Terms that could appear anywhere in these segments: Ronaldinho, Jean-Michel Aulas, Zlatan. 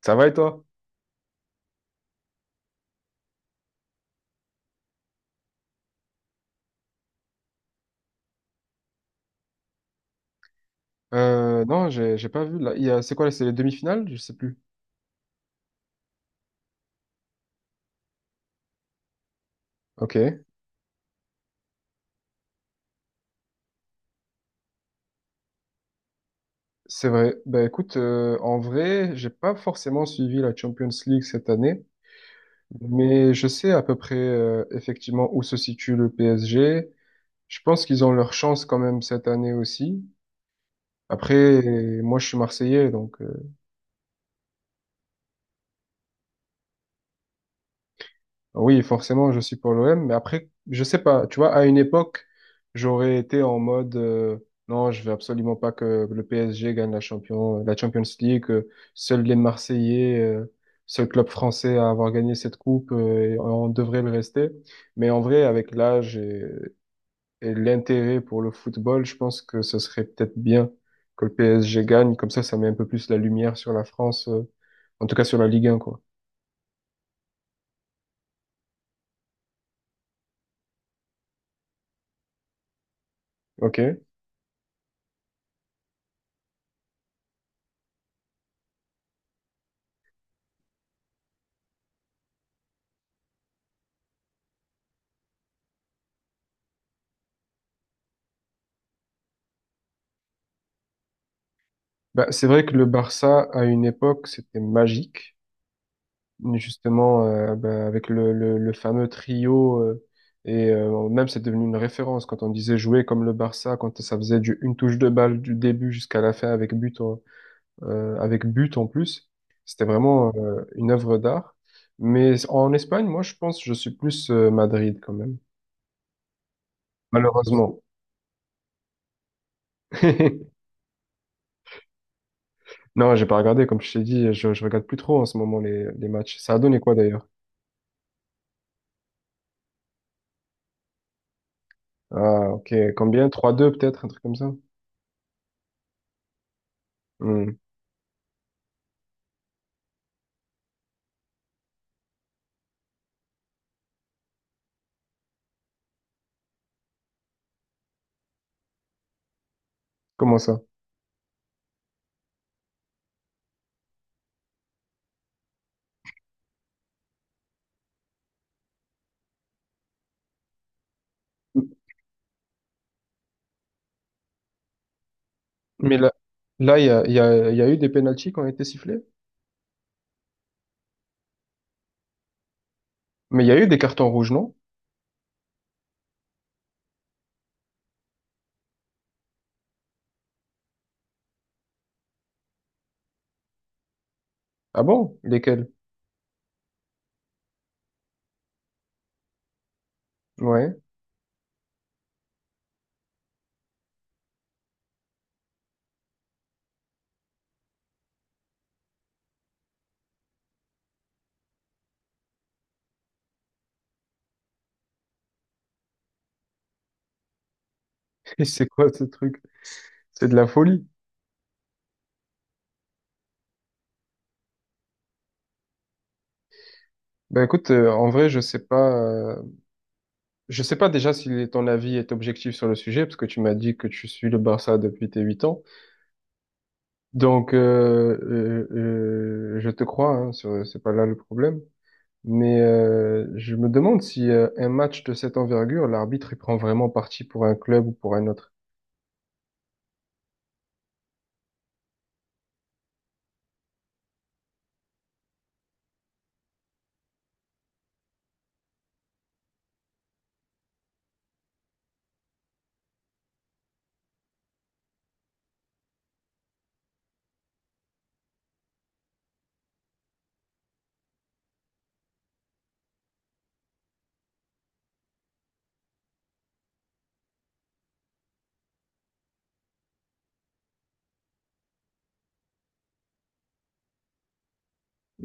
Ça va et toi? Non, j'ai pas vu. Là, il y a, c'est quoi, c'est les demi-finales? Je sais plus. Ok, c'est vrai. Ben écoute, en vrai, j'ai pas forcément suivi la Champions League cette année, mais je sais à peu près effectivement où se situe le PSG. Je pense qu'ils ont leur chance quand même cette année aussi. Après, moi, je suis Marseillais, donc. Oui, forcément, je suis pour l'OM, mais après, je sais pas, tu vois, à une époque, j'aurais été en mode non, je veux absolument pas que le PSG gagne la Champions League, que seuls les Marseillais, seul club français à avoir gagné cette coupe, et on devrait le rester. Mais en vrai, avec l'âge et l'intérêt pour le football, je pense que ce serait peut-être bien que le PSG gagne, comme ça met un peu plus la lumière sur la France, en tout cas sur la Ligue 1, quoi. Ok? Bah, c'est vrai que le Barça, à une époque, c'était magique. Justement, bah, avec le fameux trio, même c'est devenu une référence quand on disait jouer comme le Barça, quand ça faisait du, une touche de balle du début jusqu'à la fin avec but en plus. C'était vraiment une œuvre d'art. Mais en Espagne, moi, je pense, je suis plus Madrid quand même. Malheureusement. Non, j'ai pas regardé, comme je t'ai dit, je regarde plus trop en ce moment les matchs. Ça a donné quoi d'ailleurs? Ah, ok. Combien? 3-2 peut-être, un truc comme ça? Hmm. Comment ça? Mais là, il y a, il y a, il y a eu des pénaltys qui ont été sifflés. Mais il y a eu des cartons rouges, non? Ah bon? Lesquels? Ouais. Et c'est quoi ce truc? C'est de la folie. Ben écoute, en vrai, je sais pas. euh, je sais pas déjà si ton avis est objectif sur le sujet, parce que tu m'as dit que tu suis le Barça depuis tes 8 ans. Donc, je te crois, hein, c'est pas là le problème. Mais je me demande si un match de cette envergure, l'arbitre, il prend vraiment parti pour un club ou pour un autre.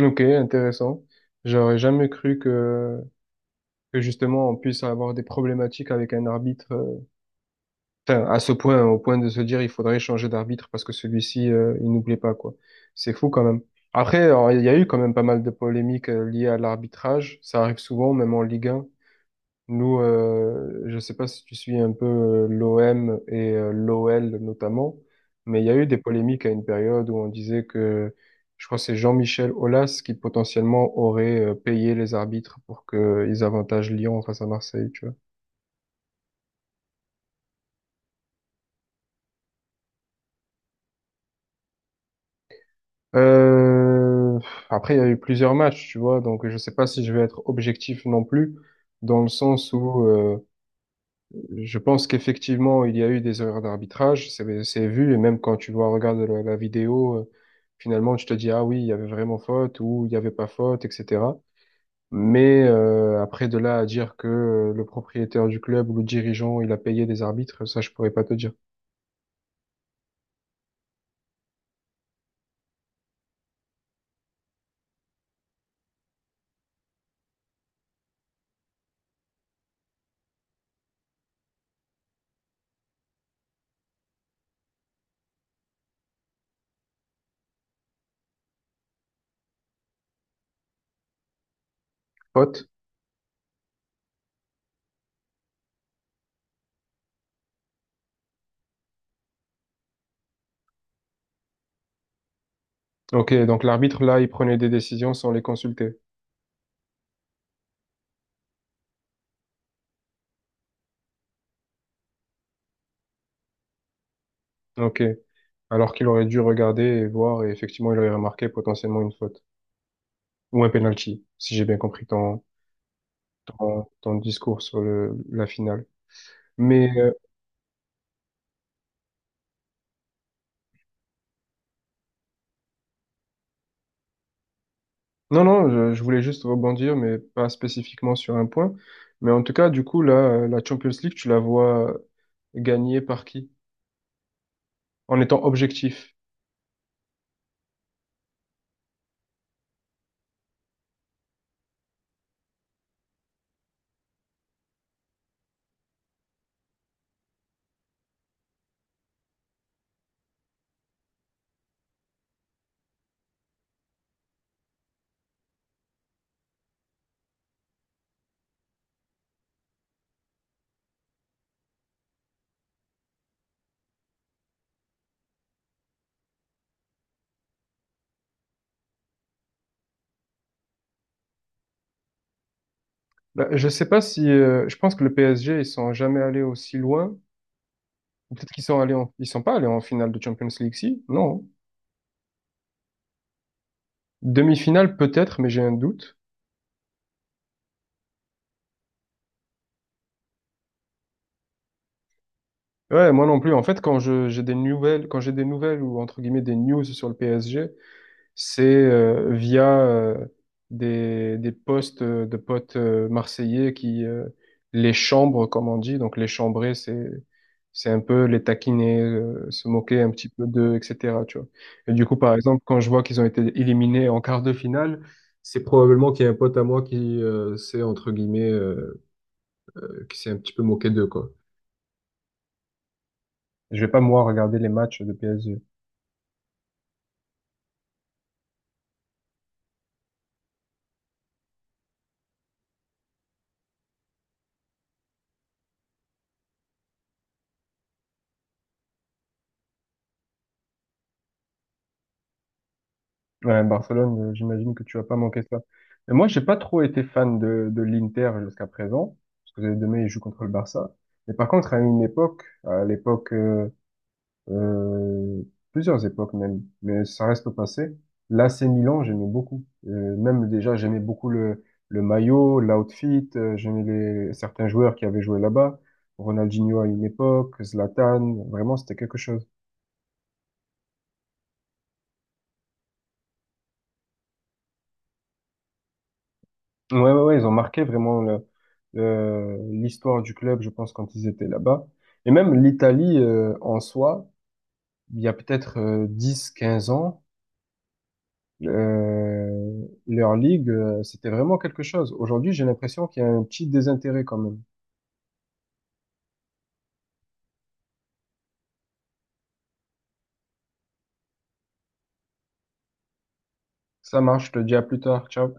Ok, intéressant. J'aurais jamais cru que justement on puisse avoir des problématiques avec un arbitre, enfin à ce point, au point de se dire il faudrait changer d'arbitre parce que celui-ci il nous plaît pas quoi. C'est fou quand même. Après, alors, il y a eu quand même pas mal de polémiques liées à l'arbitrage. Ça arrive souvent, même en Ligue 1. Nous, je sais pas si tu suis un peu l'OM et l'OL notamment, mais il y a eu des polémiques à une période où on disait que, je crois que c'est Jean-Michel Aulas qui potentiellement aurait payé les arbitres pour qu'ils avantagent Lyon face à Marseille, tu vois. Euh, Après, il y a eu plusieurs matchs, tu vois, donc je sais pas si je vais être objectif non plus, dans le sens où je pense qu'effectivement, il y a eu des erreurs d'arbitrage, c'est vu, et même quand tu vois, regarde la vidéo, finalement, tu te dis, ah oui, il y avait vraiment faute ou il n'y avait pas faute, etc. Mais après, de là à dire que le propriétaire du club ou le dirigeant, il a payé des arbitres, ça, je pourrais pas te dire. Faute? Ok, donc l'arbitre, là, il prenait des décisions sans les consulter. Ok. Alors qu'il aurait dû regarder et voir, et effectivement, il aurait remarqué potentiellement une faute ou un penalty, si j'ai bien compris ton discours sur la finale. Mais non, non, je voulais juste rebondir, mais pas spécifiquement sur un point. Mais en tout cas, du coup, là, la Champions League, tu la vois gagner par qui? En étant objectif. Là, je sais pas si, je pense que le PSG, ils sont jamais allés aussi loin. Ou peut-être qu'ils sont allés ils sont pas allés en finale de Champions League, si? Non. Demi-finale, peut-être, mais j'ai un doute. Ouais, moi non plus. En fait, quand j'ai des nouvelles ou entre guillemets des news sur le PSG, c'est via des postes de potes marseillais qui les chambrent, comme on dit. Donc les chambrer, c'est un peu les taquiner, se moquer un petit peu d'eux, etc. Tu vois. Et du coup, par exemple, quand je vois qu'ils ont été éliminés en quart de finale, c'est probablement qu'il y a un pote à moi qui s'est, entre guillemets, qui s'est un petit peu moqué d'eux, quoi. Je vais pas, moi, regarder les matchs de PSG. Ouais, Barcelone, j'imagine que tu vas pas manquer ça. Et moi, j'ai pas trop été fan de l'Inter jusqu'à présent, parce que demain, ils jouent contre le Barça. Mais par contre, à une époque, à l'époque, euh, plusieurs époques même, mais ça reste au passé, l'AC Milan, j'aimais beaucoup. Même déjà, j'aimais beaucoup le maillot, l'outfit, j'aimais certains joueurs qui avaient joué là-bas. Ronaldinho à une époque, Zlatan, vraiment, c'était quelque chose. Ouais, ouais, ouais, ils ont marqué vraiment l'histoire du club, je pense, quand ils étaient là-bas. Et même l'Italie, en soi, il y a peut-être 10, 15 ans, leur ligue, c'était vraiment quelque chose. Aujourd'hui, j'ai l'impression qu'il y a un petit désintérêt quand même. Ça marche, je te dis à plus tard, ciao.